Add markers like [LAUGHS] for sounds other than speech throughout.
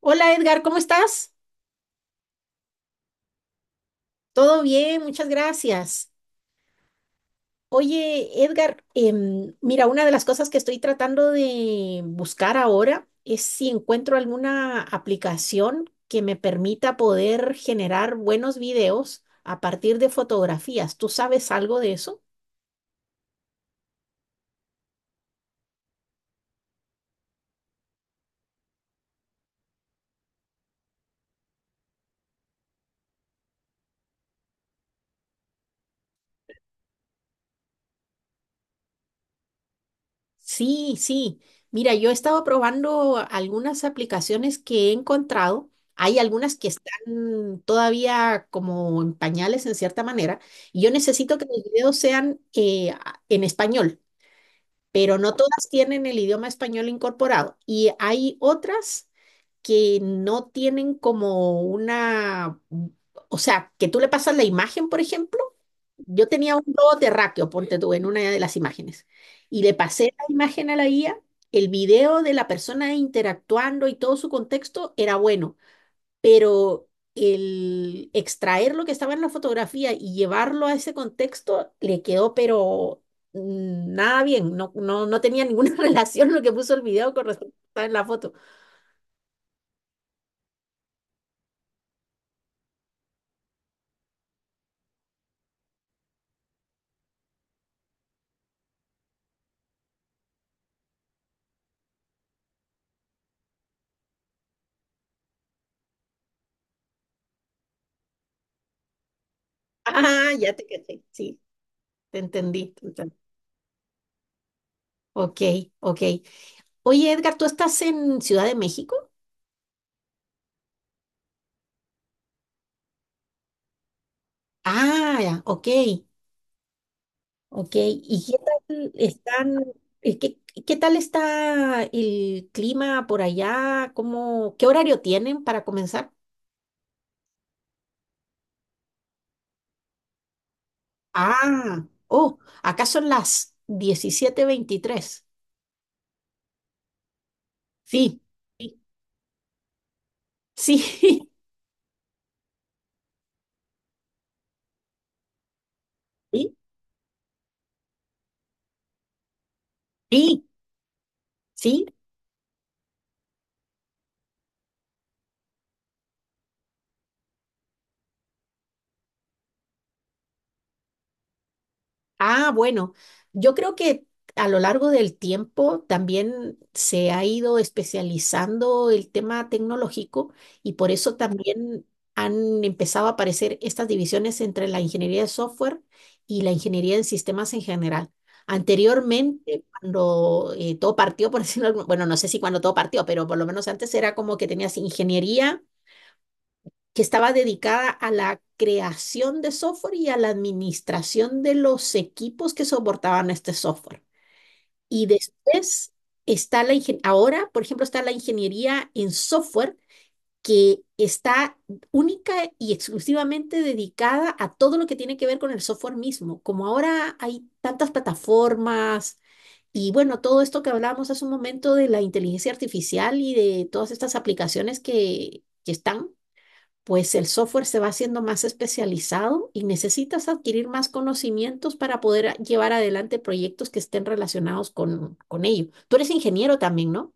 Hola Edgar, ¿cómo estás? Todo bien, muchas gracias. Oye, Edgar, mira, una de las cosas que estoy tratando de buscar ahora es si encuentro alguna aplicación que me permita poder generar buenos videos a partir de fotografías. ¿Tú sabes algo de eso? Sí, sí. Mira, yo he estado probando algunas aplicaciones que he encontrado. Hay algunas que están todavía como en pañales en cierta manera. Y yo necesito que los videos sean en español, pero no todas tienen el idioma español incorporado. Y hay otras que no tienen como una, o sea, que tú le pasas la imagen, por ejemplo yo tenía un globo terráqueo, ponte tú, en una de las imágenes. Y le pasé la imagen a la guía, el video de la persona interactuando y todo su contexto era bueno, pero el extraer lo que estaba en la fotografía y llevarlo a ese contexto le quedó, pero nada bien, no, no, no tenía ninguna [LAUGHS] relación lo que puso el video con respecto a lo que estaba en la foto. Ah, ya te caché, sí, te entendí, te entendí. Ok, ok. Oye, Edgar, ¿tú estás en Ciudad de México? Ah, ya, ok, ok. ¿Y qué tal están, eh, qué, qué tal está el clima por allá? ¿Cómo, qué horario tienen para comenzar? Ah, oh, acá son las 17:23. Sí, sí, sí, [LAUGHS] sí, sí, sí. Ah, bueno, yo creo que a lo largo del tiempo también se ha ido especializando el tema tecnológico y por eso también han empezado a aparecer estas divisiones entre la ingeniería de software y la ingeniería en sistemas en general. Anteriormente, cuando todo partió, por [LAUGHS] decirlo, bueno, no sé si cuando todo partió, pero por lo menos antes era como que tenías ingeniería que estaba dedicada a la creación de software y a la administración de los equipos que soportaban este software. Y después ahora, por ejemplo, está la ingeniería en software que está única y exclusivamente dedicada a todo lo que tiene que ver con el software mismo. Como ahora hay tantas plataformas y bueno, todo esto que hablábamos hace un momento de la inteligencia artificial y de todas estas aplicaciones que están, pues el software se va haciendo más especializado y necesitas adquirir más conocimientos para poder llevar adelante proyectos que estén relacionados con ello. Tú eres ingeniero también, ¿no?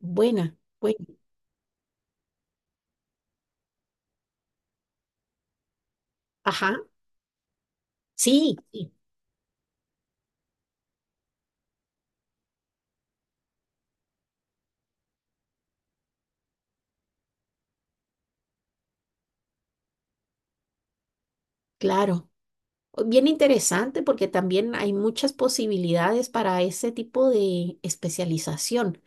Buena, buena. Ajá. Sí, sí, claro. Oh, bien interesante porque también hay muchas posibilidades para ese tipo de especialización.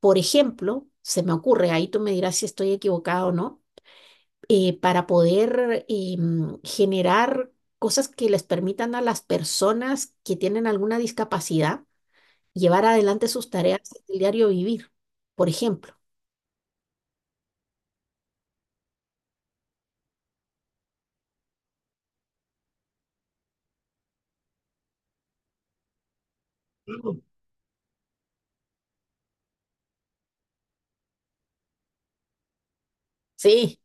Por ejemplo, se me ocurre, ahí tú me dirás si estoy equivocado o no para poder generar cosas que les permitan a las personas que tienen alguna discapacidad llevar adelante sus tareas del diario vivir, por ejemplo. Ujú. Sí,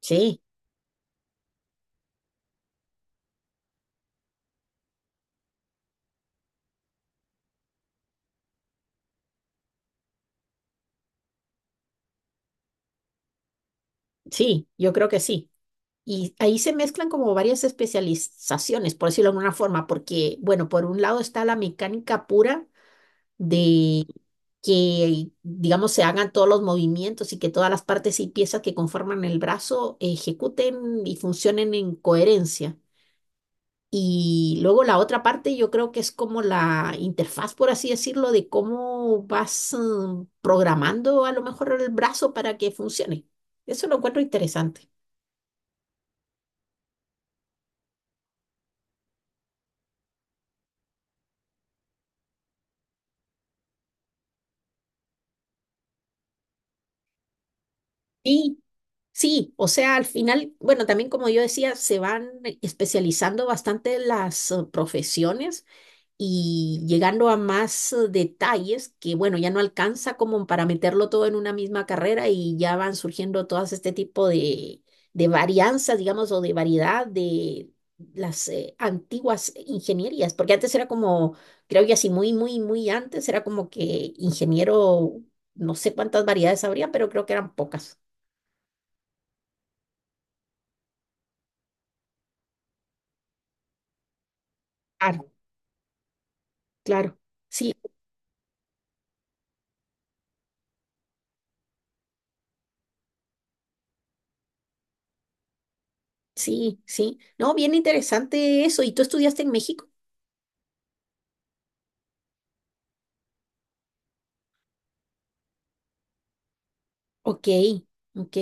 sí, sí, yo creo que sí. Y ahí se mezclan como varias especializaciones, por decirlo de alguna forma, porque, bueno, por un lado está la mecánica pura de que, digamos, se hagan todos los movimientos y que todas las partes y piezas que conforman el brazo ejecuten y funcionen en coherencia. Y luego la otra parte yo creo que es como la interfaz, por así decirlo, de cómo vas programando a lo mejor el brazo para que funcione. Eso lo encuentro interesante. Sí, sí, o sea, al final, bueno, también como yo decía, se van especializando bastante las profesiones y llegando a más detalles que, bueno, ya no alcanza como para meterlo todo en una misma carrera y ya van surgiendo todas este tipo de varianzas, digamos, o de variedad de las antiguas ingenierías, porque antes era como, creo que así muy, muy, muy antes era como que ingeniero, no sé cuántas variedades habría, pero creo que eran pocas. Claro, claro. Sí, sí, sí. No, bien interesante eso. ¿Y tú estudiaste en México? Ok, ok.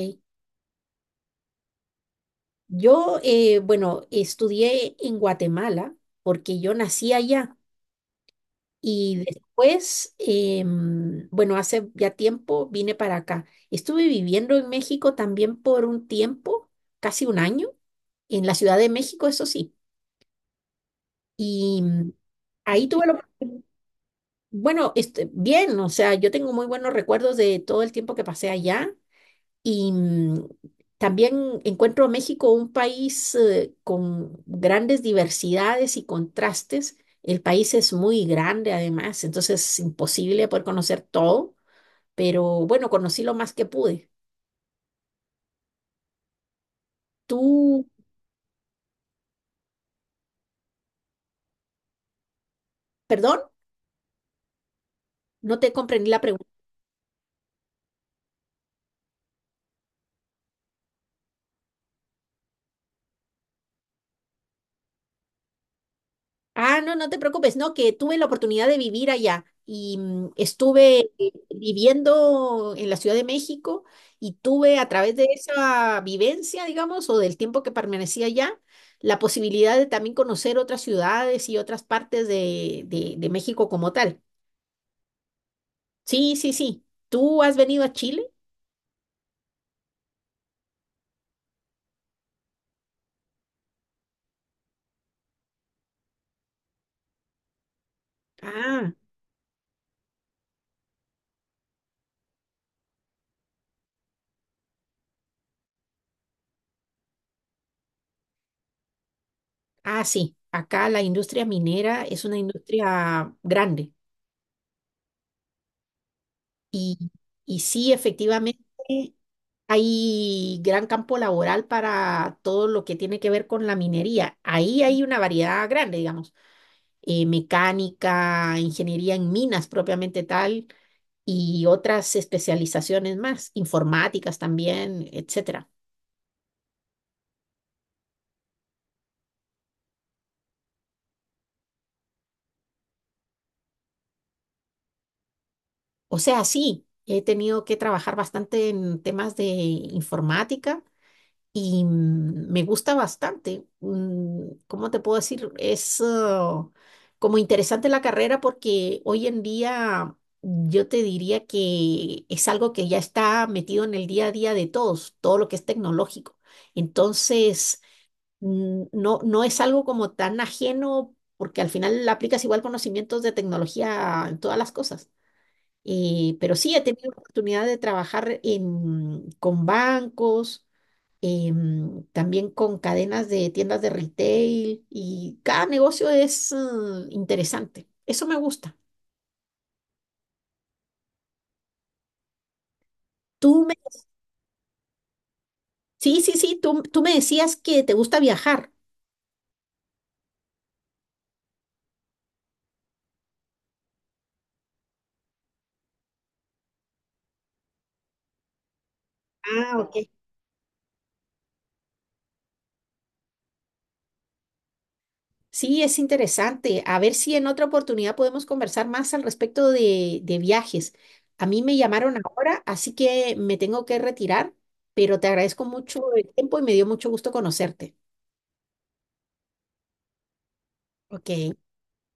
Yo, bueno, estudié en Guatemala porque yo nací allá y después, bueno, hace ya tiempo vine para acá. Estuve viviendo en México también por un tiempo, casi un año, en la Ciudad de México, eso sí. Y ahí tuve lo... Bueno, este, bien, o sea, yo tengo muy buenos recuerdos de todo el tiempo que pasé allá. Y también encuentro a México un país con grandes diversidades y contrastes. El país es muy grande además, entonces es imposible poder conocer todo, pero bueno, conocí lo más que pude. Tú, perdón, no te comprendí la pregunta. Ah, no, no te preocupes, no, que tuve la oportunidad de vivir allá y estuve viviendo en la Ciudad de México y tuve a través de esa vivencia, digamos, o del tiempo que permanecí allá, la posibilidad de también conocer otras ciudades y otras partes de México como tal. Sí, sí, sí. ¿Tú has venido a Chile? Ah, ah, sí. Acá la industria minera es una industria grande y, y sí, efectivamente. Hay gran campo laboral para todo lo que tiene que ver con la minería. Ahí hay una variedad grande, digamos, mecánica, ingeniería en minas propiamente tal y otras especializaciones más, informáticas también, etcétera. O sea, sí, he tenido que trabajar bastante en temas de informática. Y me gusta bastante. ¿Cómo te puedo decir? Es como interesante la carrera porque hoy en día yo te diría que es algo que ya está metido en el día a día de todos, todo lo que es tecnológico. Entonces, no, no es algo como tan ajeno porque al final aplicas igual conocimientos de tecnología en todas las cosas. Pero sí, he tenido oportunidad de trabajar con bancos también con cadenas de tiendas de retail y cada negocio es interesante. Eso me gusta. Tú me, sí, sí, sí, tú me decías que te gusta viajar. Ah, ok. Sí, es interesante. A ver si en otra oportunidad podemos conversar más al respecto de viajes. A mí me llamaron ahora, así que me tengo que retirar, pero te agradezco mucho el tiempo y me dio mucho gusto conocerte. Ok.